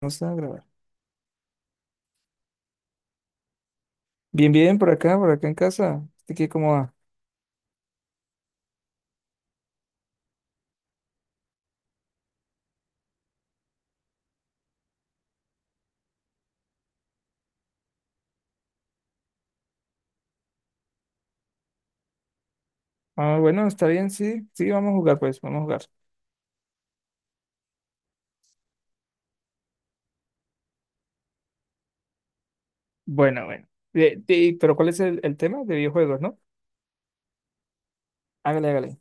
No está a grabar. Bien, bien, por acá en casa. ¿Este qué cómo va? Ah, bueno, está bien, sí, sí, vamos a jugar, pues, vamos a jugar. Bueno, bueno. Pero ¿cuál es el tema de videojuegos, no? Hágale, hágale.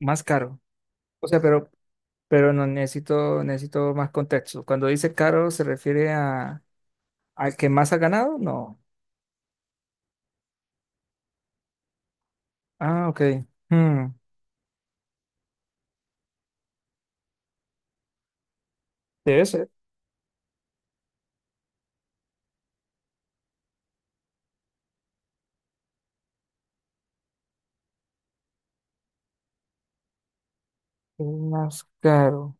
Más caro. O sea, pero no necesito, necesito más contexto. Cuando dice caro, ¿se refiere a al que más ha ganado? No. Ah, ok. Hmm, Debe ser. El más caro.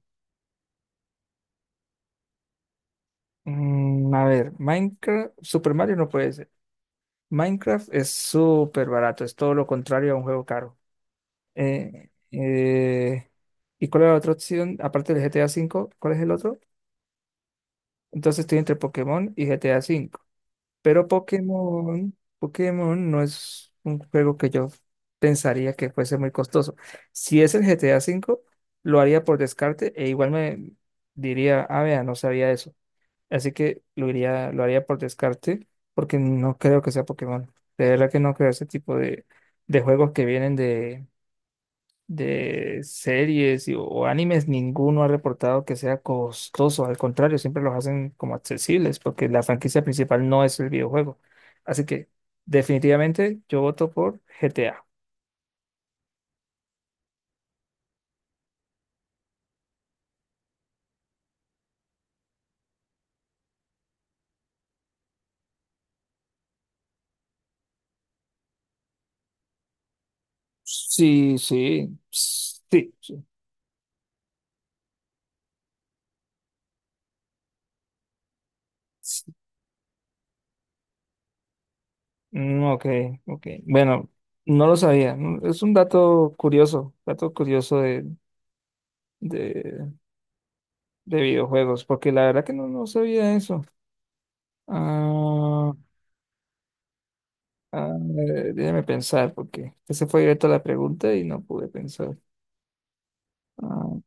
A ver, Minecraft, Super Mario no puede ser. Minecraft es súper barato, es todo lo contrario a un juego caro. Eh, eh, ¿Y cuál era la otra opción? Aparte del GTA V, ¿cuál es el otro? Entonces estoy entre Pokémon y GTA V. Pero Pokémon, Pokémon no es un juego que yo pensaría que fuese muy costoso. Si es el GTA V, lo haría por descarte e igual me diría, ah, vea, no sabía eso. Así que lo haría por descarte porque no creo que sea Pokémon. De verdad que no creo ese tipo de juegos que vienen de series o animes, ninguno ha reportado que sea costoso. Al contrario, siempre los hacen como accesibles porque la franquicia principal no es el videojuego. Así que definitivamente yo voto por GTA. Sí, sí, sí, sí, sí. Mm, ok, ok. Bueno, no lo sabía. Es un dato curioso de, de videojuegos, porque la verdad que no, no sabía eso. Ah, ah, déjame pensar, porque ese fue directo a la pregunta y no pude pensar. Ah,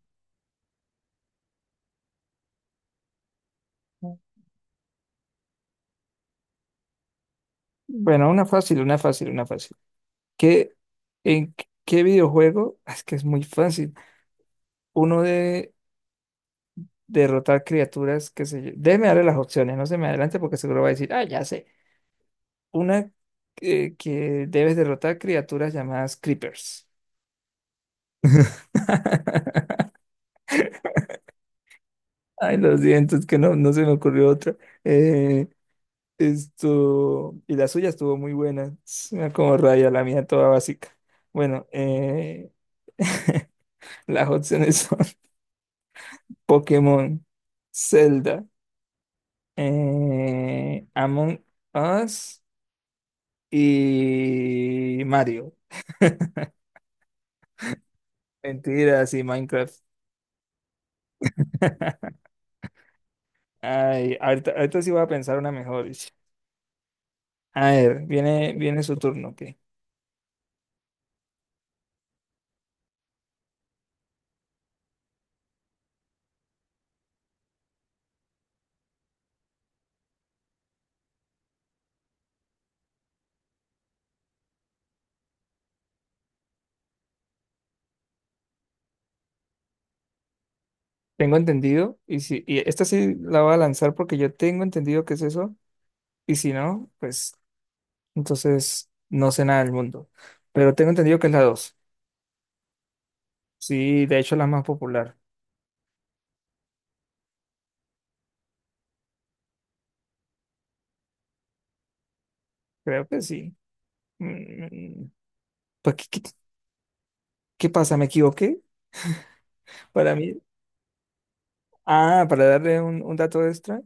bueno, una fácil, una fácil, una fácil. ¿Qué, en qué videojuego? Es que es muy fácil. Uno de derrotar criaturas, qué sé yo. Déjeme darle las opciones, no se me adelante porque seguro va a decir, ah, ya sé. Una que debes derrotar criaturas llamadas creepers. Ay, lo siento, es que no, no se me ocurrió otra. Eh, Esto, y la suya estuvo muy buena, suena como raya, la mía toda básica. Bueno, las opciones son Pokémon, Zelda, Among Us y Mario. Mentiras y Minecraft. Ay, ahorita, ahorita sí voy a pensar una mejor. Ish. A ver, viene su turno, ok. Tengo entendido, y si, y esta sí la voy a lanzar porque yo tengo entendido que es eso, y si no, pues entonces no sé nada del mundo. Pero tengo entendido que es la dos. Sí, de hecho la más popular. Creo que sí. Mm, Pues, ¿ qué pasa? ¿Me equivoqué? Para mí. Ah, para darle un dato extra.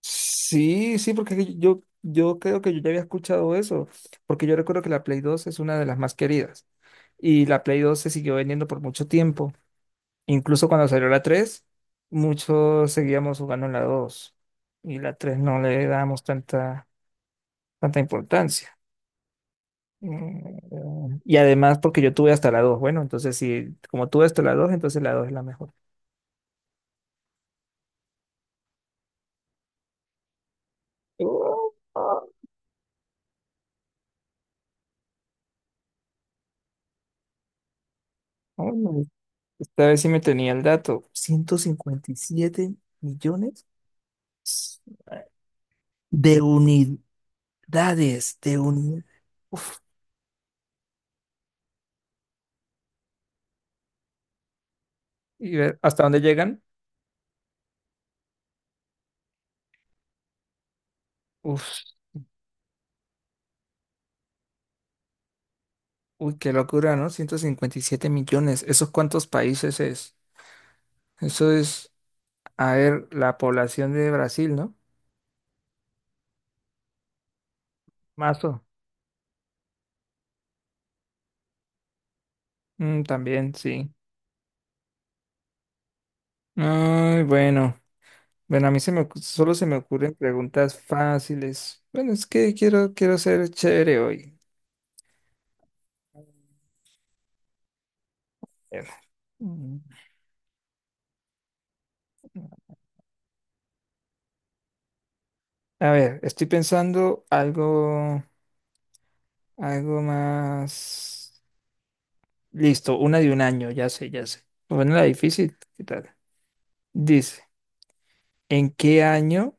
Sí, sí, porque es que yo creo que yo ya había escuchado eso. Porque yo recuerdo que la Play 2 es una de las más queridas. Y la Play 2 se siguió vendiendo por mucho tiempo. Incluso cuando salió la 3 muchos seguíamos jugando en la dos. Y la 3 no le dábamos tanta importancia. Y además porque yo tuve hasta la dos, bueno, entonces si como tuve hasta la dos entonces la dos es la mejor. Oh, ah, ah, no, esta vez sí me tenía el dato. 157 millones de unidades, de unidades. Uf, ¿y ver hasta dónde llegan? Uf, uy, qué locura, ¿no? 157 millones. ¿Esos cuántos países es? Eso es, a ver, la población de Brasil, ¿no? Mazo. Mm, también, sí. Ay, bueno, bueno, a mí se me, ocu- solo se me ocurren preguntas fáciles. Bueno, es que quiero ser chévere hoy. Eh, mm, A ver, estoy pensando algo más. Listo, una de un año, ya sé, ya sé. Bueno, la difícil, ¿qué tal? Dice, ¿en qué año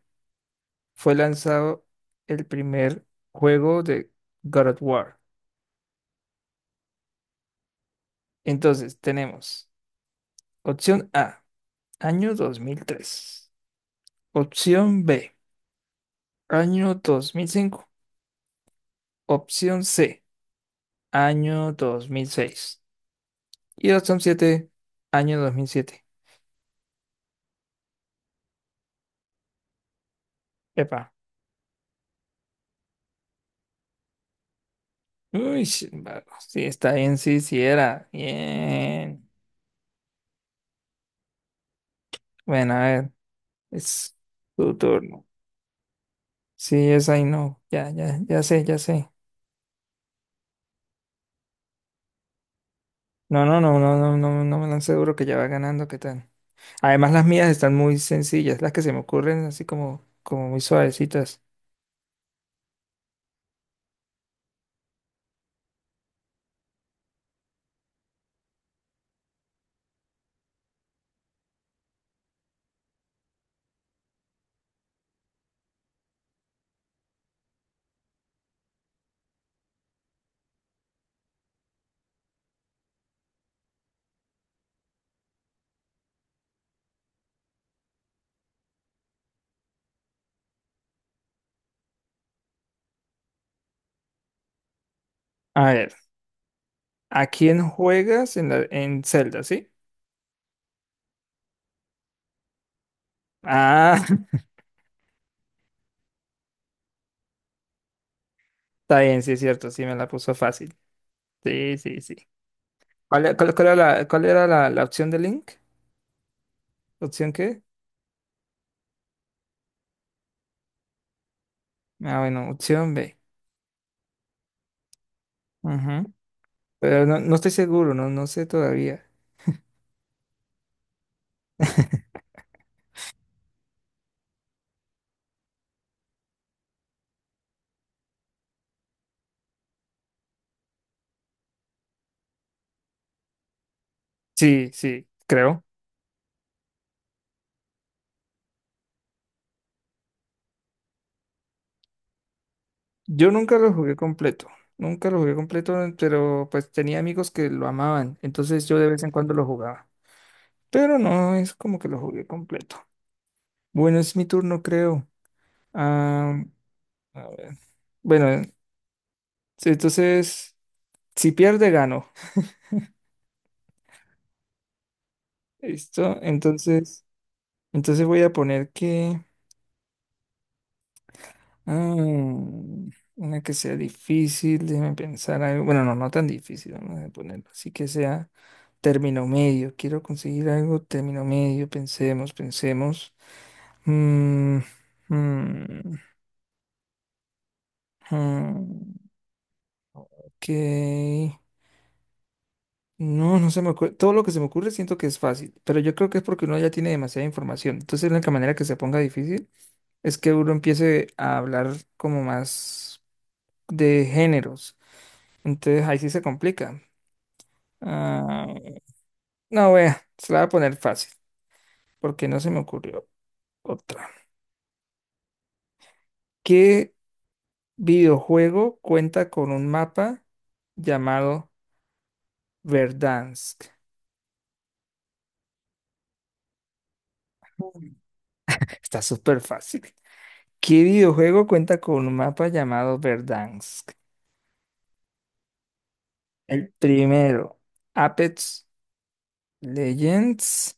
fue lanzado el primer juego de God of War? Entonces, tenemos opción A, año 2003. Opción B, año 2005. Opción C, año 2006. Y opción 7, año 2007. Epa. Uy, sí, va, sí, está bien, sí, sí era. Bien. Bueno, a ver, es tu turno. Sí, es ahí, no. Ya, ya, ya sé, ya sé. No, no, no, no, no, no, no me dan seguro que ya va ganando, ¿qué tal? Además, las mías están muy sencillas, las que se me ocurren así como muy suavecitas. A ver. ¿A quién juegas en Zelda, sí? Ah, está bien, sí es cierto, sí me la puso fácil. Sí, sí, sí. ¿Cuál era la opción de Link? ¿Opción qué? Ah, bueno, opción B. Ujú. Pero no, no estoy seguro, no, no sé todavía. Sí, sí, creo. Yo nunca lo jugué completo, nunca lo jugué completo, pero pues tenía amigos que lo amaban, entonces yo de vez en cuando lo jugaba. Pero no es como que lo jugué completo. Bueno, es mi turno, creo. Ah, a ver. Bueno, sí, entonces, si pierde, gano. ¿Listo? Entonces voy a poner que... Ah, una que sea difícil, déjame pensar algo. Bueno, no, no tan difícil, vamos a ponerlo. Así que sea término medio. Quiero conseguir algo término medio. Pensemos, pensemos. Mm, mm, mm, ok. No, no se me ocurre. Todo lo que se me ocurre siento que es fácil, pero yo creo que es porque uno ya tiene demasiada información. Entonces, la única manera que se ponga difícil es que uno empiece a hablar como más de géneros. Entonces, ahí sí se complica. Ah, no, vea, se la voy a poner fácil, porque no se me ocurrió otra. ¿Qué videojuego cuenta con un mapa llamado Verdansk? Mm. Está súper fácil. ¿Qué videojuego cuenta con un mapa llamado Verdansk? El primero, Apex Legends.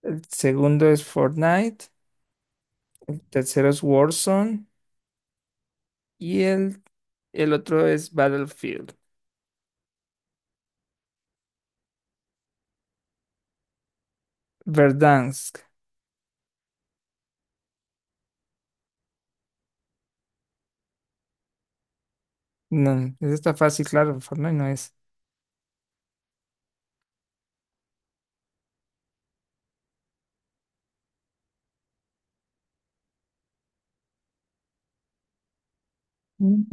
El segundo es Fortnite. El tercero es Warzone. Y el otro es Battlefield. Verdansk. No, ese está fácil, claro. Fortnite no es. Mm.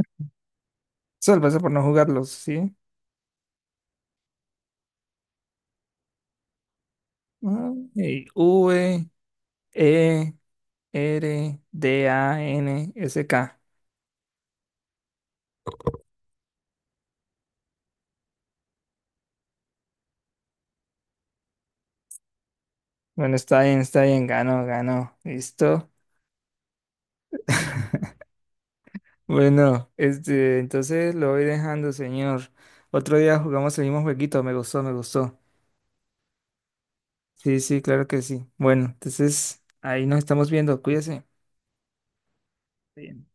Eso lo pasa por no jugarlos, ¿sí? Ah, y Verdansk. Bueno, está bien, está bien. Ganó, ganó. Listo. Bueno, este, entonces lo voy dejando, señor. Otro día jugamos el mismo jueguito, me gustó, me gustó. Sí, sí, claro que sí. Bueno, entonces ahí nos estamos viendo, cuídese. Bien.